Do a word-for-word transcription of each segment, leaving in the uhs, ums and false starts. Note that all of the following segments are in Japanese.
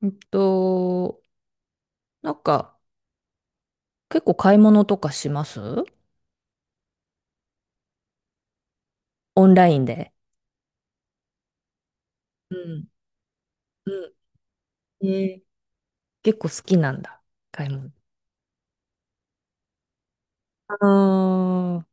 うんと、なんか、結構買い物とかします、オンラインで。うん。うん。えー、結構好きなんだ、買い物。ああ、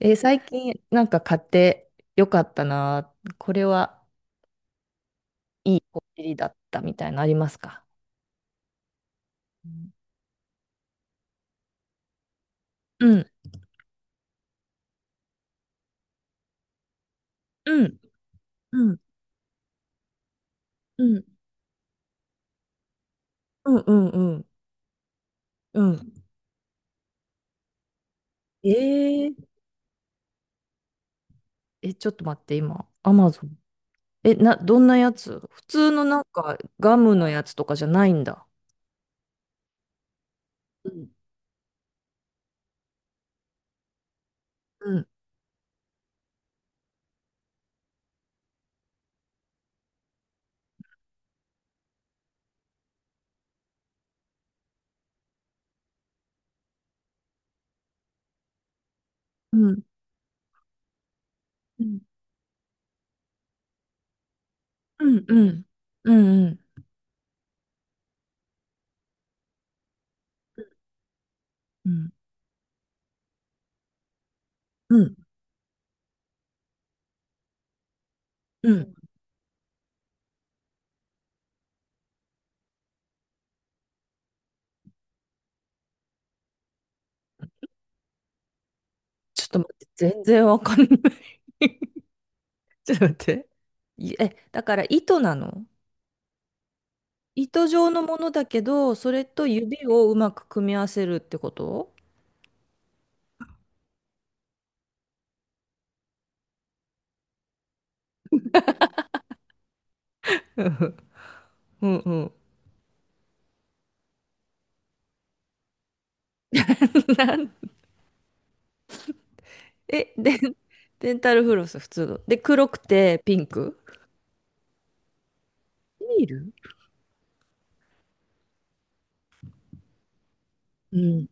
えー、最近なんか買ってよかったな、これはいいこっりだったみたいなのありますか？うん、うん、うん、うん、うん、うん、うん。うん。えー、え、ちょっと待って、今、アマゾン。え、な、どんなやつ、普通のなんかガムのやつとかじゃないんだ。うん、うん。うん。うん。うん。うん。うん。うん。うん、ちょっと待って、全然わかんない。 ちょっと待って。いえ、だから糸なの？糸状のものだけど、それと指をうまく組み合わせるってこと？うんうんうん。なんえ、で、デンタルフロス普通の。で、黒くてピンク。ビール。うん。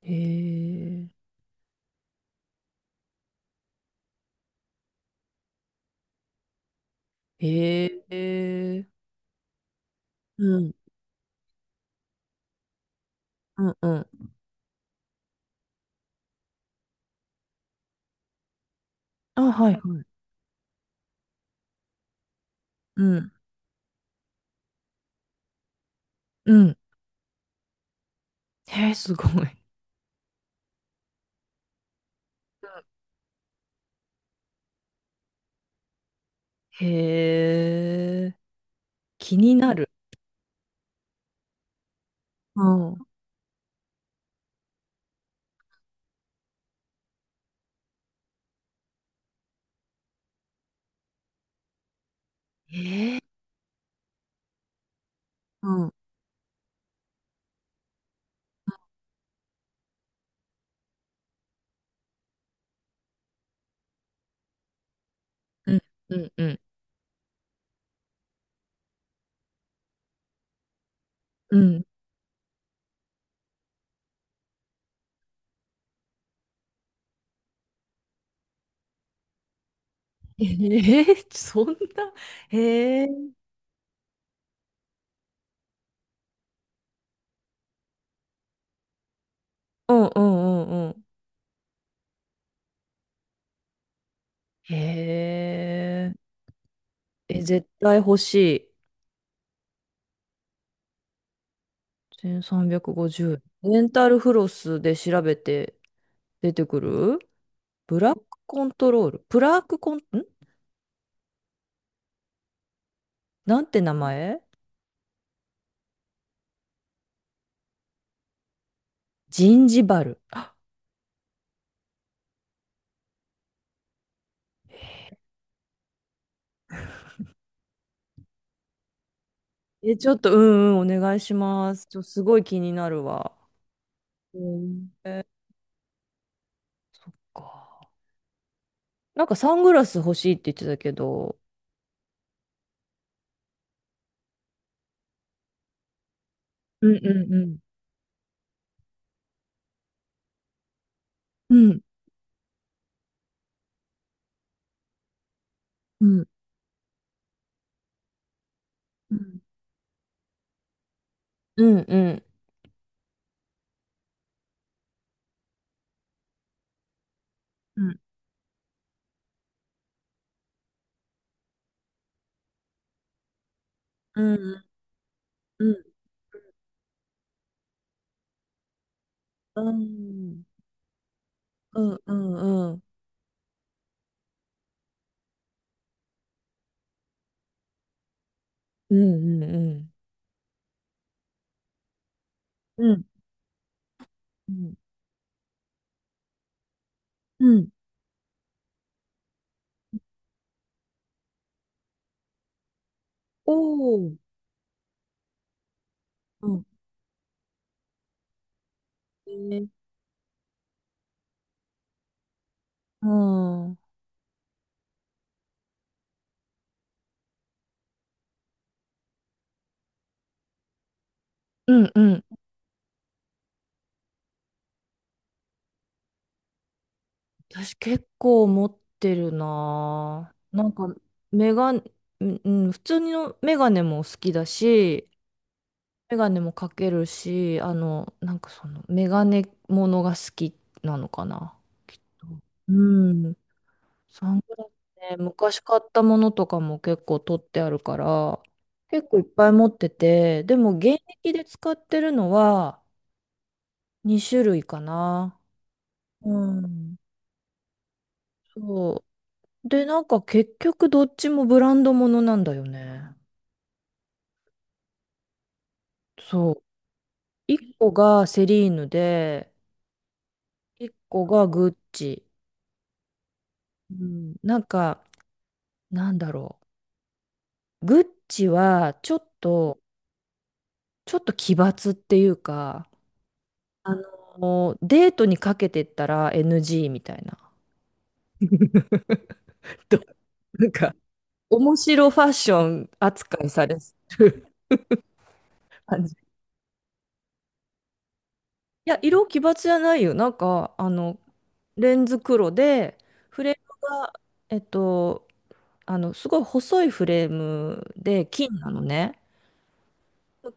へえ。へえ。うん。うんうん。あ、はいはい。うん。うん。へえ、すごい。へえ、気になる。うん、うん、ええ、うん。うん、うん、うん、うん。ええ、そんな、へえ、うん、うん、うん、うん。へえ、え、絶対欲しい。せんさんびゃくごじゅうえん。レンタルフロスで調べて出てくるブラックコントロール。ブラックコン、んなんて名前？ジンジバル。え、ちょっと、うんうん、お願いします。ちょ、すごい気になるわ。え、そっか。なんかサングラス欲しいって言ってたけど、うんうんうん。うん。うん。うんうん。うん。うん。うん。うん。うんうんうん。うんうんうん。うん。うん。うん。おお。うん。えー、うん。うんうんうんうんうんうんうんうんうんうんおおうんえうんうんうん。私結構持ってるなぁ。なんか、メガネ、うん、うん、普通のメガネも好きだし、メガネもかけるし、あの、なんかその、メガネものが好きなのかな、きっと。うん。サングラスね、昔買ったものとかも結構取ってあるから、結構いっぱい持ってて、でも現役で使ってるのはに種類かな。うん。そう。で、なんか結局どっちもブランドものなんだよね。そう。いっこがセリーヌで、いっこがグッチ。うん、なんか、なんだろう。グッチは、ちょっと、ちょっと奇抜っていうか、あの、デートにかけてったら エヌジー みたいな。どなんか、面白ファッション扱いされる感じ。いや、色奇抜じゃないよ。なんか、あの、レンズ黒で、フレームが、えっと、あの、すごい細いフレームで、金なのね。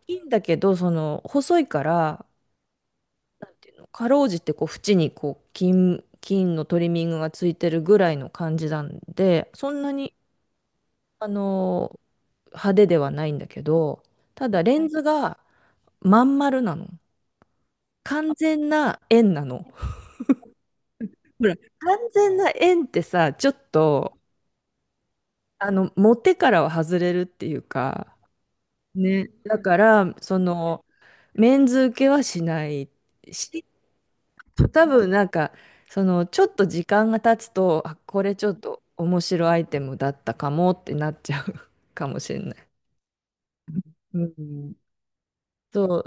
金だけど、その、細いから、かろうじてこう縁にこう金、金のトリミングがついてるぐらいの感じなんで、そんなにあの派手ではないんだけど、ただレンズがまん丸なの。完全な円なの。ほら、完全な円ってさ、ちょっとあの持ってからは外れるっていうか、ね、だから、その、メンズ受けはしないし、多分なんか、その、ちょっと時間が経つと、あ、これちょっと面白いアイテムだったかもってなっちゃう かもしれない。うん。そう、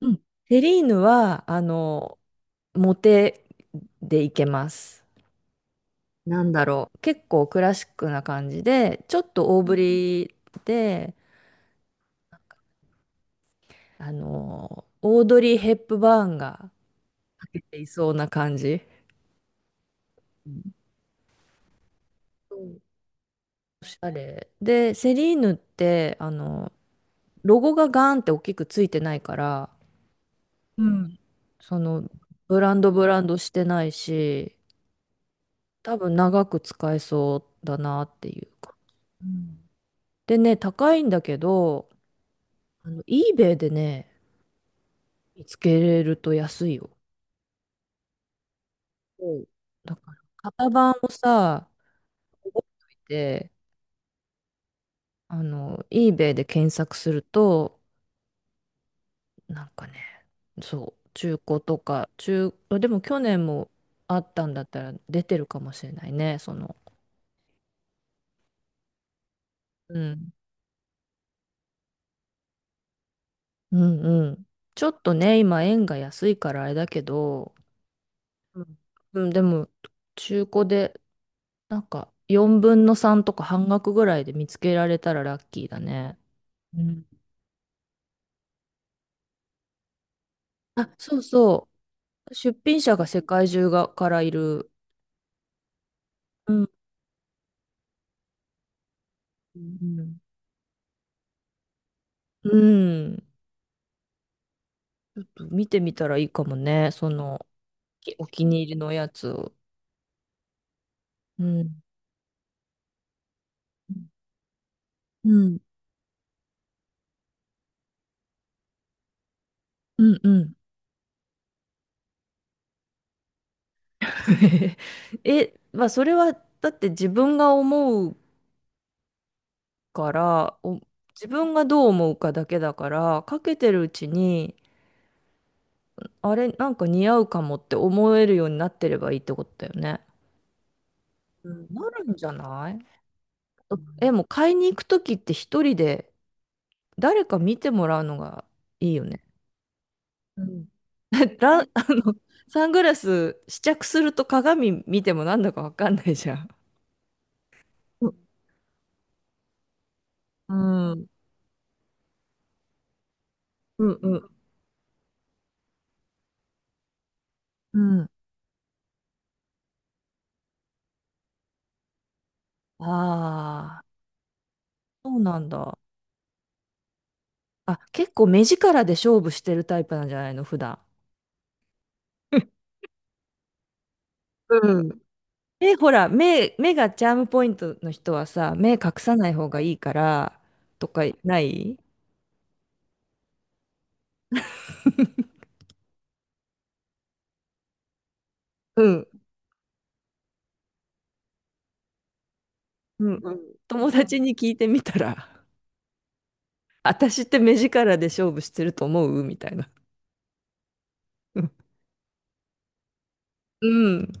うん、セリーヌは、あの、モテでいけます。なんだろう、結構クラシックな感じで、ちょっと大ぶりで、あの、オードリー・ヘップバーンが、出ていそうな感じ。うん。そう、おしゃれ。で、セリーヌって、あの、ロゴがガーンって大きくついてないから、うん、その、ブランドブランドしてないし、多分長く使えそうだなっていうか。うん。でね、高いんだけど、あの、eBay でね、見つけれると安いよ。そう、だから、型番をさ、覚えておいて、あの、eBay で検索すると、なんかね、そう、中古とか、中、あでも去年もあったんだったら出てるかもしれないね、その。うん。うんうん。ちょっとね、今円が安いからあれだけど、うん。うん、でも、中古で、なんか、よんぶんのさんとか半額ぐらいで見つけられたらラッキーだね。うん。あ、そうそう。出品者が世界中がからいる。うん。うんうん。見てみたらいいかもね。その、きお気に入りのやつを。うん。うん。うんうん。え、まあ、それは、だって自分が思うから、お、自分がどう思うかだけだから、かけてるうちに、あれ、なんか似合うかもって思えるようになってればいいってことだよね。うん、なるんじゃない？うん。え、もう買いに行くときって、一人で誰か見てもらうのがいいよね。うん。 ラン、あの、サングラス試着すると鏡見てもなんだかわかんないじゃん。うん。うんうんうん。ああ、そうなんだ。あ、結構目力で勝負してるタイプなんじゃないの、普段？うん。え、ほら、目、目がチャームポイントの人はさ、目隠さない方がいいから、とかない？うん。うんうん。友達に聞いてみたら、私って目力で勝負してると思うみたいな。うん。